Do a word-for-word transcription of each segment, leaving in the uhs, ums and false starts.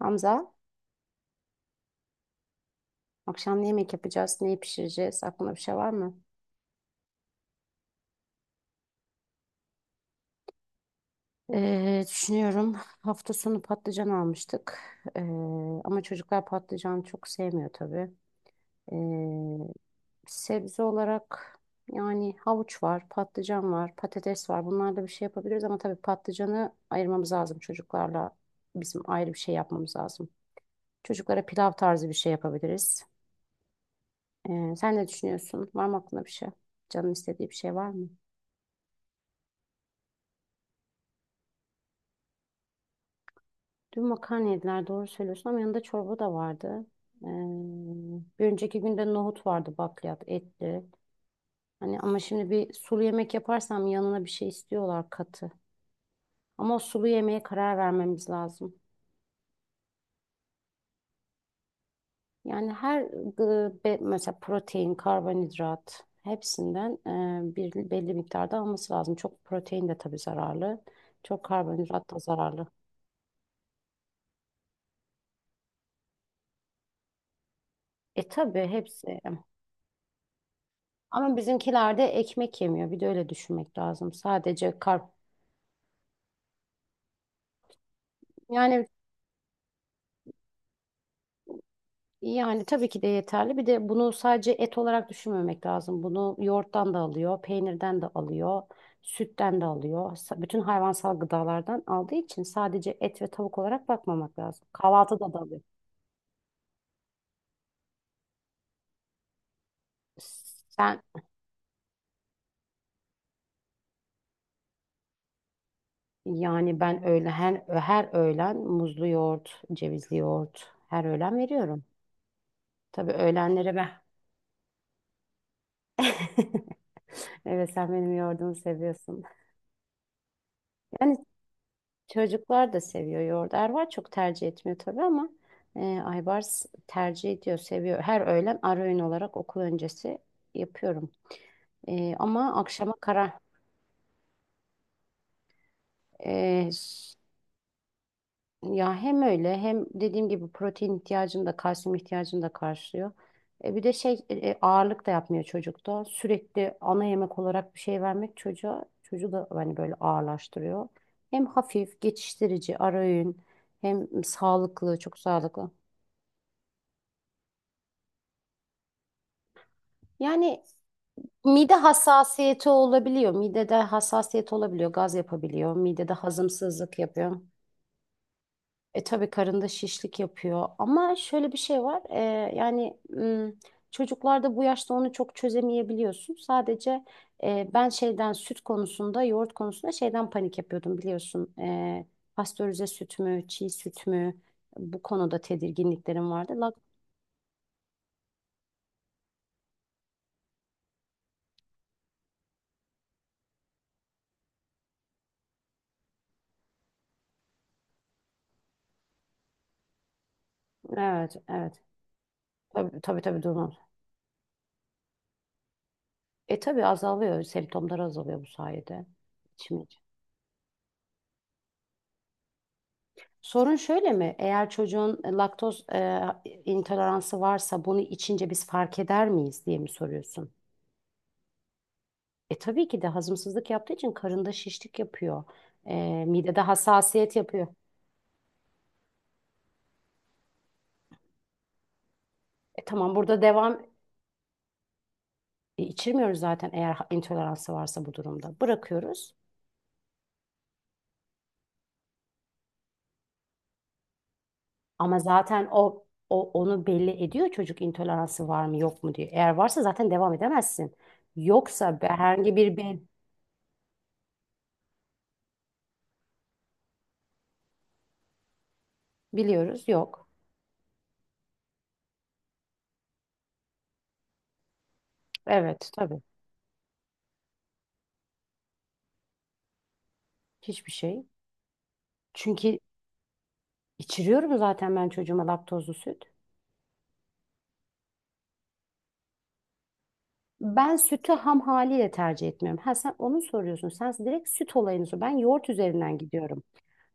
Hamza, akşam ne yemek yapacağız, neyi pişireceğiz? Aklında bir şey var mı? Ee, düşünüyorum. Hafta sonu patlıcan almıştık. Ee, ama çocuklar patlıcan çok sevmiyor tabii. Ee, sebze olarak yani havuç var, patlıcan var, patates var. Bunlarla bir şey yapabiliriz ama tabii patlıcanı ayırmamız lazım çocuklarla. Bizim ayrı bir şey yapmamız lazım. Çocuklara pilav tarzı bir şey yapabiliriz. Ee, sen ne düşünüyorsun? Var mı aklında bir şey? Canın istediği bir şey var mı? Dün makarna yediler, doğru söylüyorsun, ama yanında çorba da vardı. Ee, bir önceki günde nohut vardı, bakliyat etli. Hani ama şimdi bir sulu yemek yaparsam yanına bir şey istiyorlar, katı. Ama o sulu yemeğe karar vermemiz lazım. Yani her gı- be- mesela protein, karbonhidrat, hepsinden e, bir belli miktarda alması lazım. Çok protein de tabii zararlı. Çok karbonhidrat da zararlı. E tabii hepsi. Ama bizimkiler de ekmek yemiyor. Bir de öyle düşünmek lazım. Sadece kar Yani yani tabii ki de yeterli. Bir de bunu sadece et olarak düşünmemek lazım. Bunu yoğurttan da alıyor, peynirden de alıyor, sütten de alıyor. Sa- Bütün hayvansal gıdalardan aldığı için sadece et ve tavuk olarak bakmamak lazım. Kahvaltıda da alıyor. Sen yani ben öyle her, her öğlen muzlu yoğurt, cevizli yoğurt, her öğlen veriyorum. Tabii öğlenlere ben. Evet, sen benim yoğurdumu seviyorsun. Yani, çocuklar da seviyor yoğurdu. Ervar çok tercih etmiyor tabii ama e, Aybars tercih ediyor, seviyor. Her öğlen ara öğün olarak okul öncesi yapıyorum. E, ama akşama kara e, s- ya hem öyle hem dediğim gibi protein ihtiyacını da kalsiyum ihtiyacını da karşılıyor. E, bir de şey, e, e, ağırlık da yapmıyor çocukta. Sürekli ana yemek olarak bir şey vermek çocuğa çocuğu da hani böyle ağırlaştırıyor. Hem hafif, geçiştirici, ara öğün, hem sağlıklı, çok sağlıklı. Yani, mide hassasiyeti olabiliyor. Midede hassasiyet olabiliyor. Gaz yapabiliyor. Midede hazımsızlık yapıyor. E tabii karında şişlik yapıyor. Ama şöyle bir şey var. e, yani m, çocuklarda bu yaşta onu çok çözemeyebiliyorsun. Sadece e, ben şeyden, süt konusunda, yoğurt konusunda şeyden panik yapıyordum, biliyorsun. E, pastörize süt mü, çiğ süt mü? Bu konuda tedirginliklerim vardı. Lak- evet, evet. Tabii, tabii, tabii. E tabii azalıyor, semptomlar azalıyor bu sayede. İçim için. Sorun şöyle mi? Eğer çocuğun e, laktoz e, intoleransı varsa bunu içince biz fark eder miyiz diye mi soruyorsun? E tabii ki de hazımsızlık yaptığı için karında şişlik yapıyor. E, midede hassasiyet yapıyor. E tamam, burada devam e, içirmiyoruz zaten eğer ha- intoleransı varsa bu durumda. Bırakıyoruz. Ama zaten o, o onu belli ediyor çocuk, intoleransı var mı yok mu diye. Eğer varsa zaten devam edemezsin. Yoksa be- herhangi bir be Biliyoruz yok. Evet, tabii, hiçbir şey. Çünkü içiriyorum zaten ben çocuğuma laktozlu süt. Ben sütü ham haliyle tercih etmiyorum. Ha, sen onu soruyorsun. Sen direkt süt olayını sor. Ben yoğurt üzerinden gidiyorum.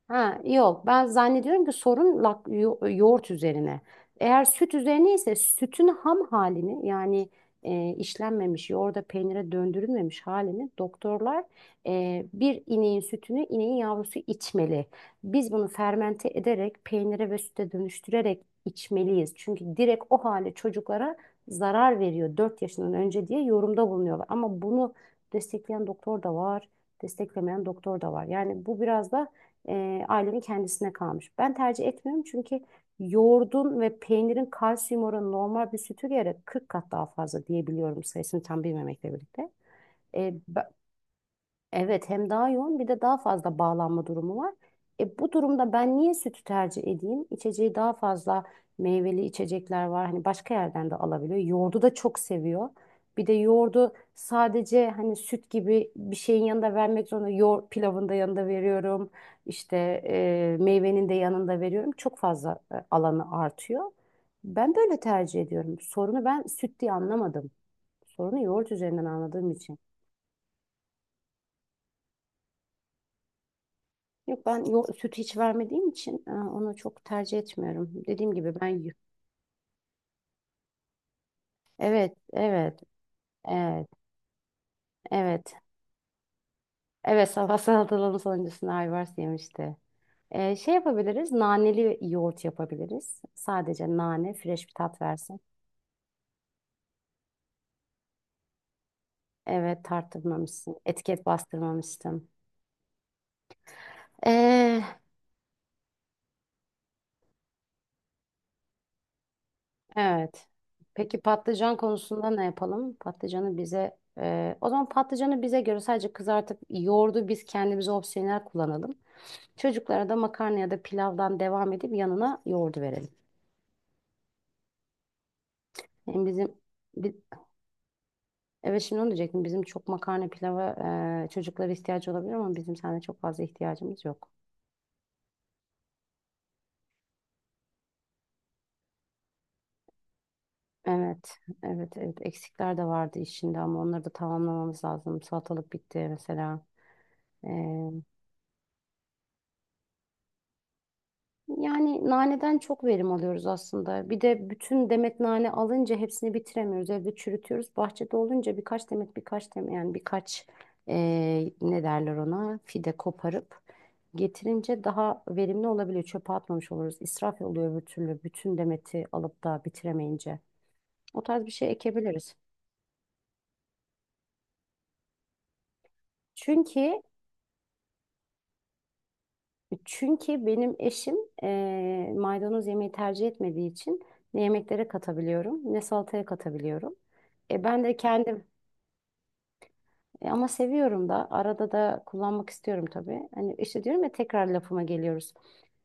Ha, yok, ben zannediyorum ki sorun lak, yo- yoğurt üzerine. Eğer süt üzerine ise sütün ham halini, yani e, işlenmemiş, yoğurda peynire döndürülmemiş halini doktorlar, e, bir ineğin sütünü ineğin yavrusu içmeli. Biz bunu fermente ederek peynire ve süte dönüştürerek içmeliyiz. Çünkü direkt o hali çocuklara zarar veriyor dört yaşından önce diye yorumda bulunuyorlar. Ama bunu destekleyen doktor da var, desteklemeyen doktor da var. Yani bu biraz da e, ailenin kendisine kalmış. Ben tercih etmiyorum, çünkü yoğurdun ve peynirin kalsiyum oranı normal bir sütü göre kırk kat daha fazla, diyebiliyorum, sayısını tam bilmemekle birlikte. E, b- Evet, hem daha yoğun, bir de daha fazla bağlanma durumu var. E, bu durumda ben niye sütü tercih edeyim? İçeceği daha fazla meyveli içecekler var. Hani başka yerden de alabiliyor. Yoğurdu da çok seviyor. Bir de yoğurdu sadece hani süt gibi bir şeyin yanında vermek zorunda Yoğurt pilavın da yanında veriyorum. İşte, e, meyvenin de yanında veriyorum. Çok fazla e, alanı artıyor. Ben böyle tercih ediyorum. Sorunu ben süt diye anlamadım. Sorunu yoğurt üzerinden anladığım için. Yok, ben yo süt hiç vermediğim için e, onu çok tercih etmiyorum. Dediğim gibi ben y- Evet, evet, evet, evet, evet, sabah salatalığın sonuncusunda Ayvars yemişti. E, şey yapabiliriz, naneli yoğurt yapabiliriz. Sadece nane fresh bir tat versin. Evet, tarttırmamışsın, etiket bastırmamıştım. E, evet, peki patlıcan konusunda ne yapalım? Patlıcanı bize, e, o zaman patlıcanı bize göre sadece kızartıp yoğurdu biz kendimize opsiyonel kullanalım. Çocuklara da makarna ya da pilavdan devam edip yanına yoğurdu verelim. Hem bizim bi- evet şimdi onu diyecektim. Bizim çok makarna pilava, e, çocuklara ihtiyacı olabilir ama bizim sende çok fazla ihtiyacımız yok. Evet, evet, evet. Eksikler de vardı işinde, ama onları da tamamlamamız lazım. Salatalık bitti mesela. Yani naneden çok verim alıyoruz aslında. Bir de bütün demet nane alınca hepsini bitiremiyoruz. Evde çürütüyoruz. Bahçede olunca birkaç demet, birkaç demet, yani birkaç eee, ne derler ona, fide koparıp getirince daha verimli olabiliyor. Çöpe atmamış oluruz. İsraf oluyor öbür türlü, bütün demeti alıp da bitiremeyince. O tarz bir şey ekebiliriz. Çünkü Çünkü benim eşim, eee, maydanoz yemeği tercih etmediği için ne yemeklere katabiliyorum ne salataya katabiliyorum. E, ben de kendim, e, ama seviyorum da, arada da kullanmak istiyorum tabii. Hani işte, diyorum ya, tekrar lafıma geliyoruz.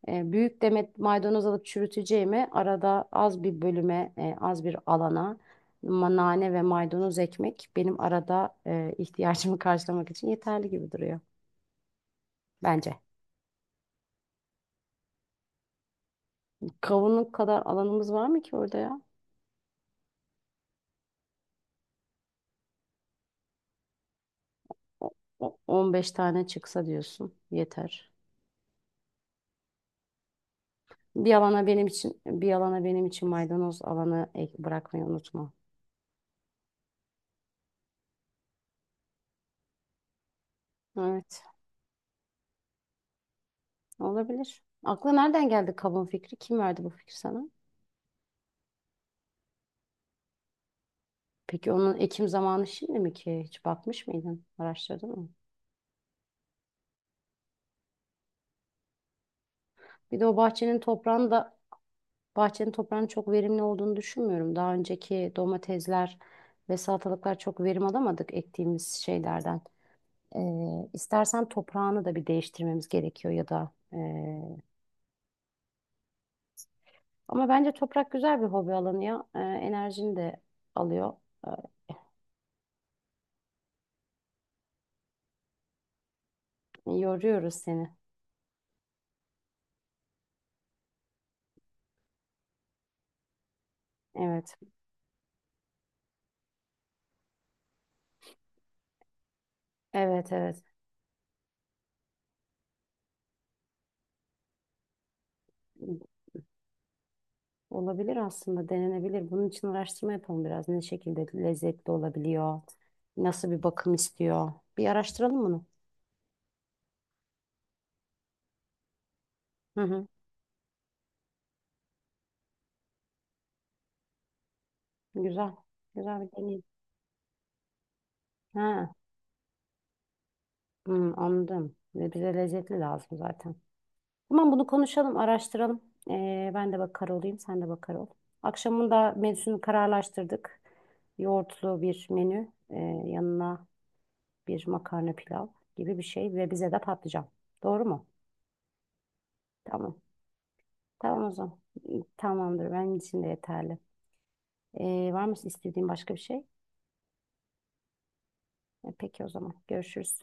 E, büyük demet maydanoz alıp çürüteceğime arada az bir bölüme, e, az bir alana ma- nane ve maydanoz ekmek benim arada e, ihtiyacımı karşılamak için yeterli gibi duruyor bence. Kavunluk kadar alanımız var mı ki orada, ya? O- o- on beş tane çıksa diyorsun, yeter. Bir alana benim için bir alana benim için maydanoz alanı ek- bırakmayı unutma. Evet, olabilir. Akla nereden geldi kabuğun fikri? Kim verdi bu fikri sana? Peki onun ekim zamanı şimdi mi ki? Hiç bakmış mıydın? Araştırdın mı? Bir de o bahçenin toprağını da bahçenin toprağının çok verimli olduğunu düşünmüyorum. Daha önceki domatesler ve salatalıklar, çok verim alamadık ektiğimiz şeylerden. Ee, istersen toprağını da bir değiştirmemiz gerekiyor, ya da ee, ama bence toprak güzel bir hobi alanı ya. Ee, enerjini de alıyor. Ee, yoruyoruz seni. Evet. Evet, evet. Olabilir, aslında denenebilir. Bunun için araştırma yapalım biraz. Ne şekilde lezzetli olabiliyor? Nasıl bir bakım istiyor? Bir araştıralım bunu. Hı hı. Güzel. Güzel bir deneyim. Ha, hı, anladım. Ve bize lezzetli lazım zaten. Tamam, bunu konuşalım, araştıralım. Ee, ben de bakar olayım, sen de bakar ol. Akşamında menüsünü kararlaştırdık. Yoğurtlu bir menü, ee, yanına bir makarna pilav gibi bir şey, ve bize de patlıcan. Doğru mu? Tamam. Tamam o zaman. Tamamdır, benim için de yeterli. Ee, var mı istediğin başka bir şey? E, peki o zaman görüşürüz.